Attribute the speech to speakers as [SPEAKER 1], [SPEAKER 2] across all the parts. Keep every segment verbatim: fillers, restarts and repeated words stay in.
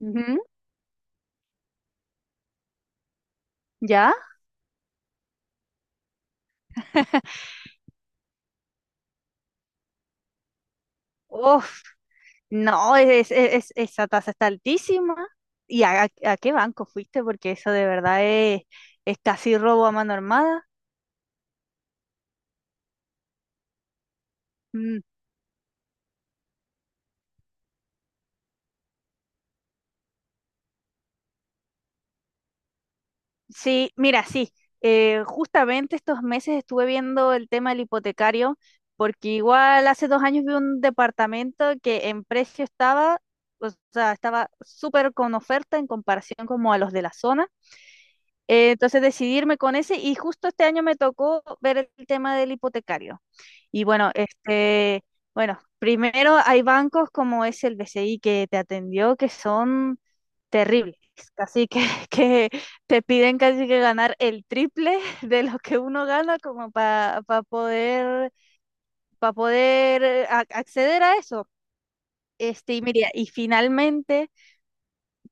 [SPEAKER 1] Ujú. ¿Ya? Uf, no, es, es- es- esa tasa está altísima. ¿Y a, a qué banco fuiste? Porque eso de verdad es, es casi robo a mano armada. Mm, sí, mira, sí. Eh, justamente estos meses estuve viendo el tema del hipotecario, porque igual hace dos años vi un departamento que en precio estaba, o sea, estaba súper con oferta en comparación como a los de la zona. Eh, entonces decidirme con ese y justo este año me tocó ver el tema del hipotecario. Y bueno, este, bueno, primero hay bancos como es el B C I que te atendió que son terribles, casi que, que te piden casi que ganar el triple de lo que uno gana como para poder, para poder eh, ac- acceder a eso. Este, y mira, y finalmente,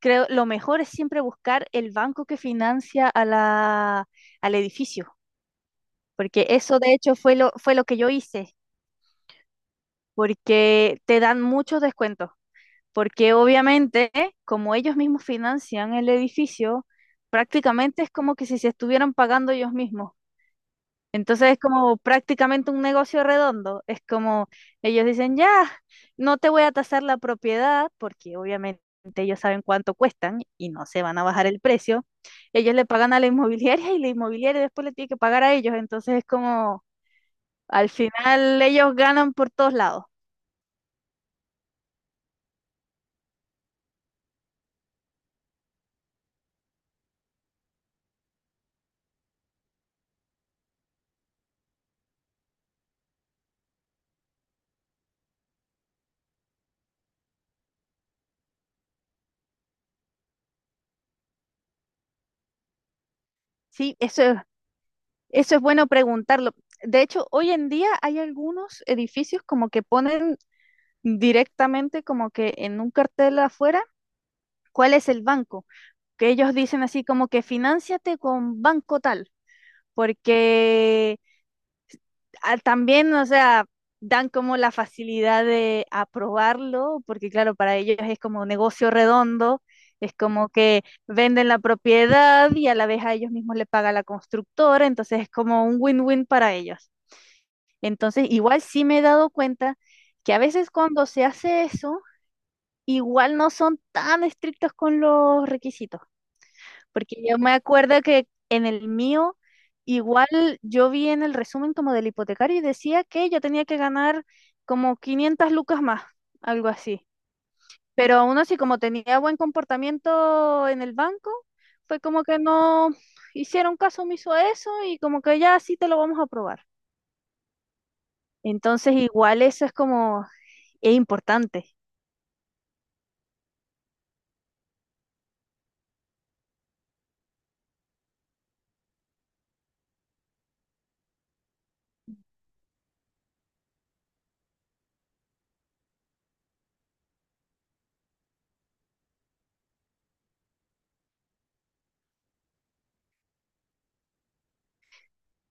[SPEAKER 1] creo, lo mejor es siempre buscar el banco que financia a la, al edificio, porque eso de hecho fue lo, fue lo que yo hice, porque te dan muchos descuentos. Porque obviamente, como ellos mismos financian el edificio, prácticamente es como que si se estuvieran pagando ellos mismos. Entonces es como prácticamente un negocio redondo. Es como ellos dicen, ya, no te voy a tasar la propiedad, porque obviamente ellos saben cuánto cuestan y no se van a bajar el precio. Ellos le pagan a la inmobiliaria y la inmobiliaria después le tiene que pagar a ellos. Entonces es como, al final ellos ganan por todos lados. Sí, eso es. Eso es bueno preguntarlo. De hecho, hoy en día hay algunos edificios como que ponen directamente como que en un cartel afuera cuál es el banco, que ellos dicen así como que finánciate con banco tal, porque ah, también, o sea, dan como la facilidad de aprobarlo, porque claro, para ellos es como un negocio redondo, es como que venden la propiedad y a la vez a ellos mismos le paga la constructora, entonces es como un win-win para ellos. Entonces, igual sí me he dado cuenta que a veces cuando se hace eso, igual no son tan estrictos con los requisitos, porque yo me acuerdo que en el mío, igual yo vi en el resumen como del hipotecario y decía que yo tenía que ganar como quinientas lucas más, algo así. Pero aún así, como tenía buen comportamiento en el banco, fue como que no hicieron caso omiso a eso y como que ya sí te lo vamos a aprobar. Entonces, igual eso es como, es importante.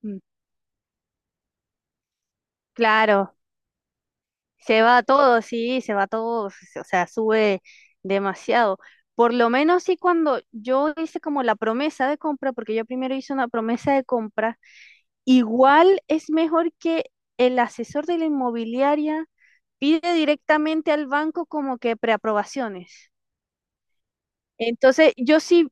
[SPEAKER 1] Mm. Claro, se va todo, sí, se va todo, o sea, sube demasiado. Por lo menos sí cuando yo hice como la promesa de compra, porque yo primero hice una promesa de compra, igual es mejor que el asesor de la inmobiliaria pide directamente al banco como que preaprobaciones. Entonces, yo sí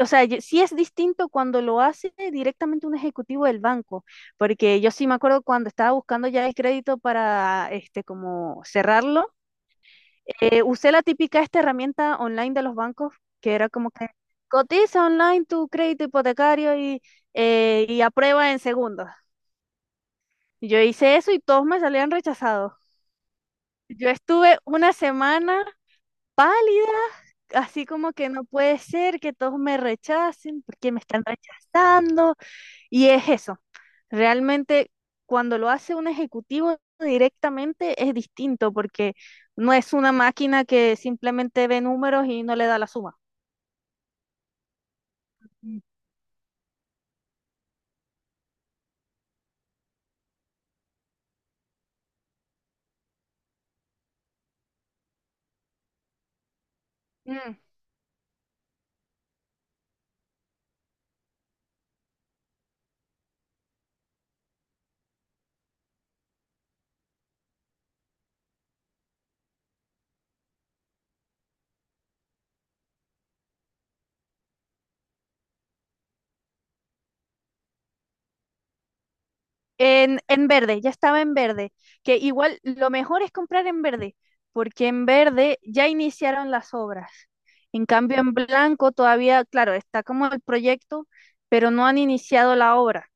[SPEAKER 1] o sea, yo- sí es distinto cuando lo hace directamente un ejecutivo del banco, porque yo sí me acuerdo cuando estaba buscando ya el crédito para este como cerrarlo, eh, usé la típica esta herramienta online de los bancos, que era como que cotiza online tu crédito hipotecario y, eh, y aprueba en segundos. Yo hice eso y todos me salían rechazados. Yo estuve una semana pálida, así como que no puede ser que todos me rechacen, ¿porque me están rechazando? Y es eso. Realmente cuando lo hace un ejecutivo directamente es distinto porque no es una máquina que simplemente ve números y no le da la suma. Mm. Mm. En, en verde, ya estaba en verde, que igual lo mejor es comprar en verde, porque en verde ya iniciaron las obras. En cambio, en blanco todavía, claro, está como el proyecto, pero no han iniciado la obra.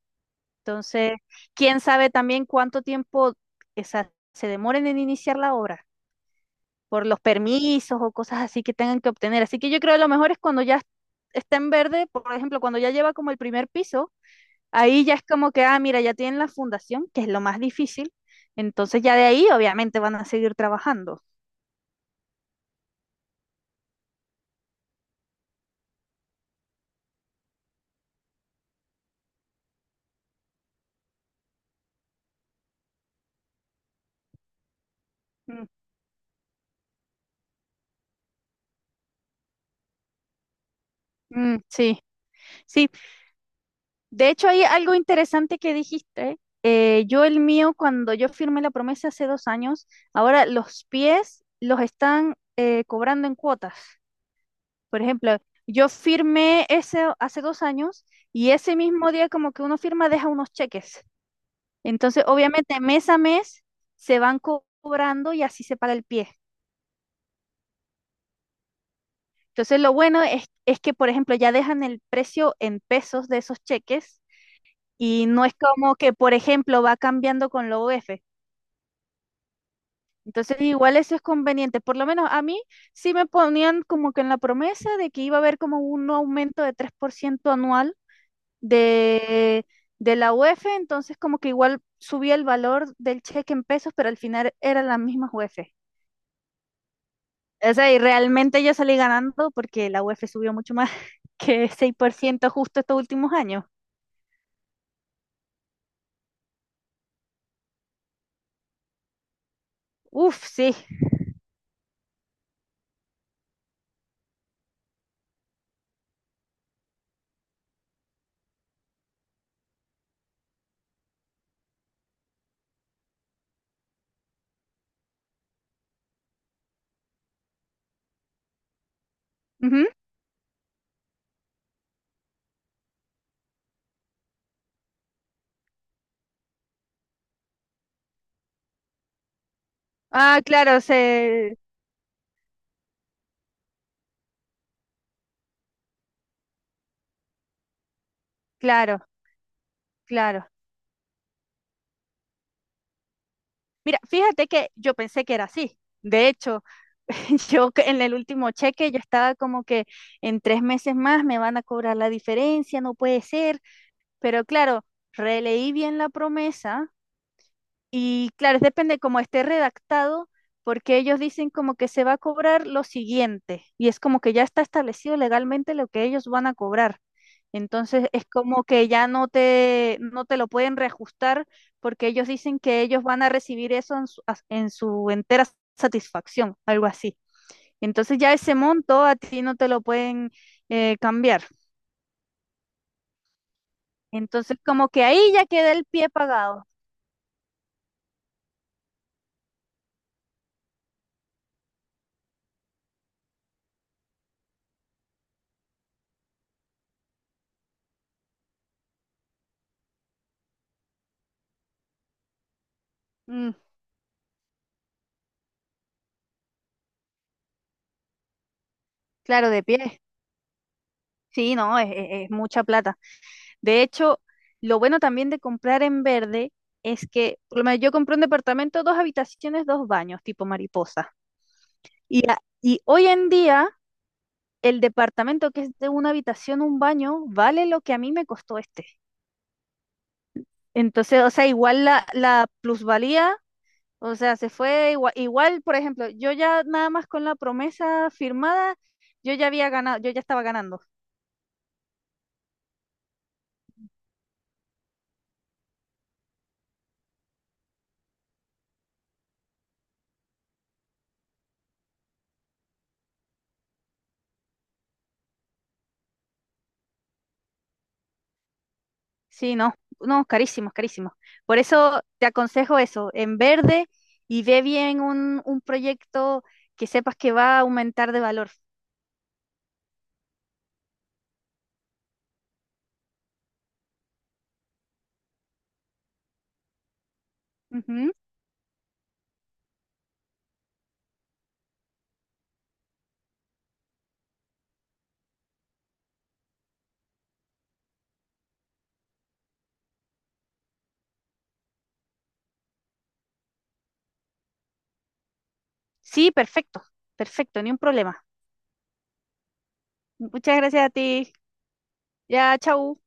[SPEAKER 1] Entonces, quién sabe también cuánto tiempo esa- se demoren en iniciar la obra por los permisos o cosas así que tengan que obtener. Así que yo creo que lo mejor es cuando ya está en verde, por ejemplo, cuando ya lleva como el primer piso, ahí ya es como que, ah, mira, ya tienen la fundación, que es lo más difícil. Entonces ya de ahí obviamente van a seguir trabajando. Mm. mm, sí, sí, de hecho, hay algo interesante que dijiste. Eh, yo el mío, cuando yo firmé la promesa hace dos años, ahora los pies los están eh, cobrando en cuotas. Por ejemplo, yo firmé ese hace dos años y ese mismo día como que uno firma deja unos cheques. Entonces, obviamente, mes a mes se van co- cobrando y así se paga el pie. Entonces, lo bueno es, es que, por ejemplo, ya dejan el precio en pesos de esos cheques y no es como que, por ejemplo, va cambiando con la O F. Entonces, igual eso es conveniente. Por lo menos a mí sí me ponían como que en la promesa de que iba a haber como un aumento de tres por ciento anual de, de la UEF, entonces como que igual subía el valor del cheque en pesos, pero al final eran las mismas UEF. O sea, y realmente yo salí ganando porque la UEF subió mucho más que seis por ciento justo estos últimos años. Uf, sí. Ujú. Ah, claro, se, claro, claro. Mira, fíjate que yo pensé que era así. De hecho, yo que en el último cheque yo estaba como que en tres meses más me van a cobrar la diferencia, no puede ser. Pero claro, releí bien la promesa y claro, depende cómo esté redactado, porque ellos dicen como que se va a cobrar lo siguiente, y es como que ya está establecido legalmente lo que ellos van a cobrar. Entonces es como que ya no te, no te lo pueden reajustar porque ellos dicen que ellos van a recibir eso en su, as- en su entera satisfacción, algo así. Entonces ya ese monto a ti no te lo pueden eh, cambiar. Entonces como que ahí ya queda el pie pagado. Mm, claro, de pie. Sí, no, es es- es mucha plata. De hecho, lo bueno también de comprar en verde es que, por lo menos yo compré un departamento, dos habitaciones, dos baños, tipo mariposa. Y, a- y hoy en día, el departamento que es de una habitación, un baño, vale lo que a mí me costó este. Entonces, o sea, igual la, la plusvalía, o sea, se fue igua- igual, por ejemplo, yo ya nada más con la promesa firmada, yo ya había ganado, yo ya estaba ganando. Sí, no, no, carísimos, carísimos. Por eso te aconsejo eso, en verde y ve bien un, un proyecto que sepas que va a aumentar de valor. Ujú. Sí, perfecto, perfecto, ni un problema. Muchas gracias a ti. Ya, chau.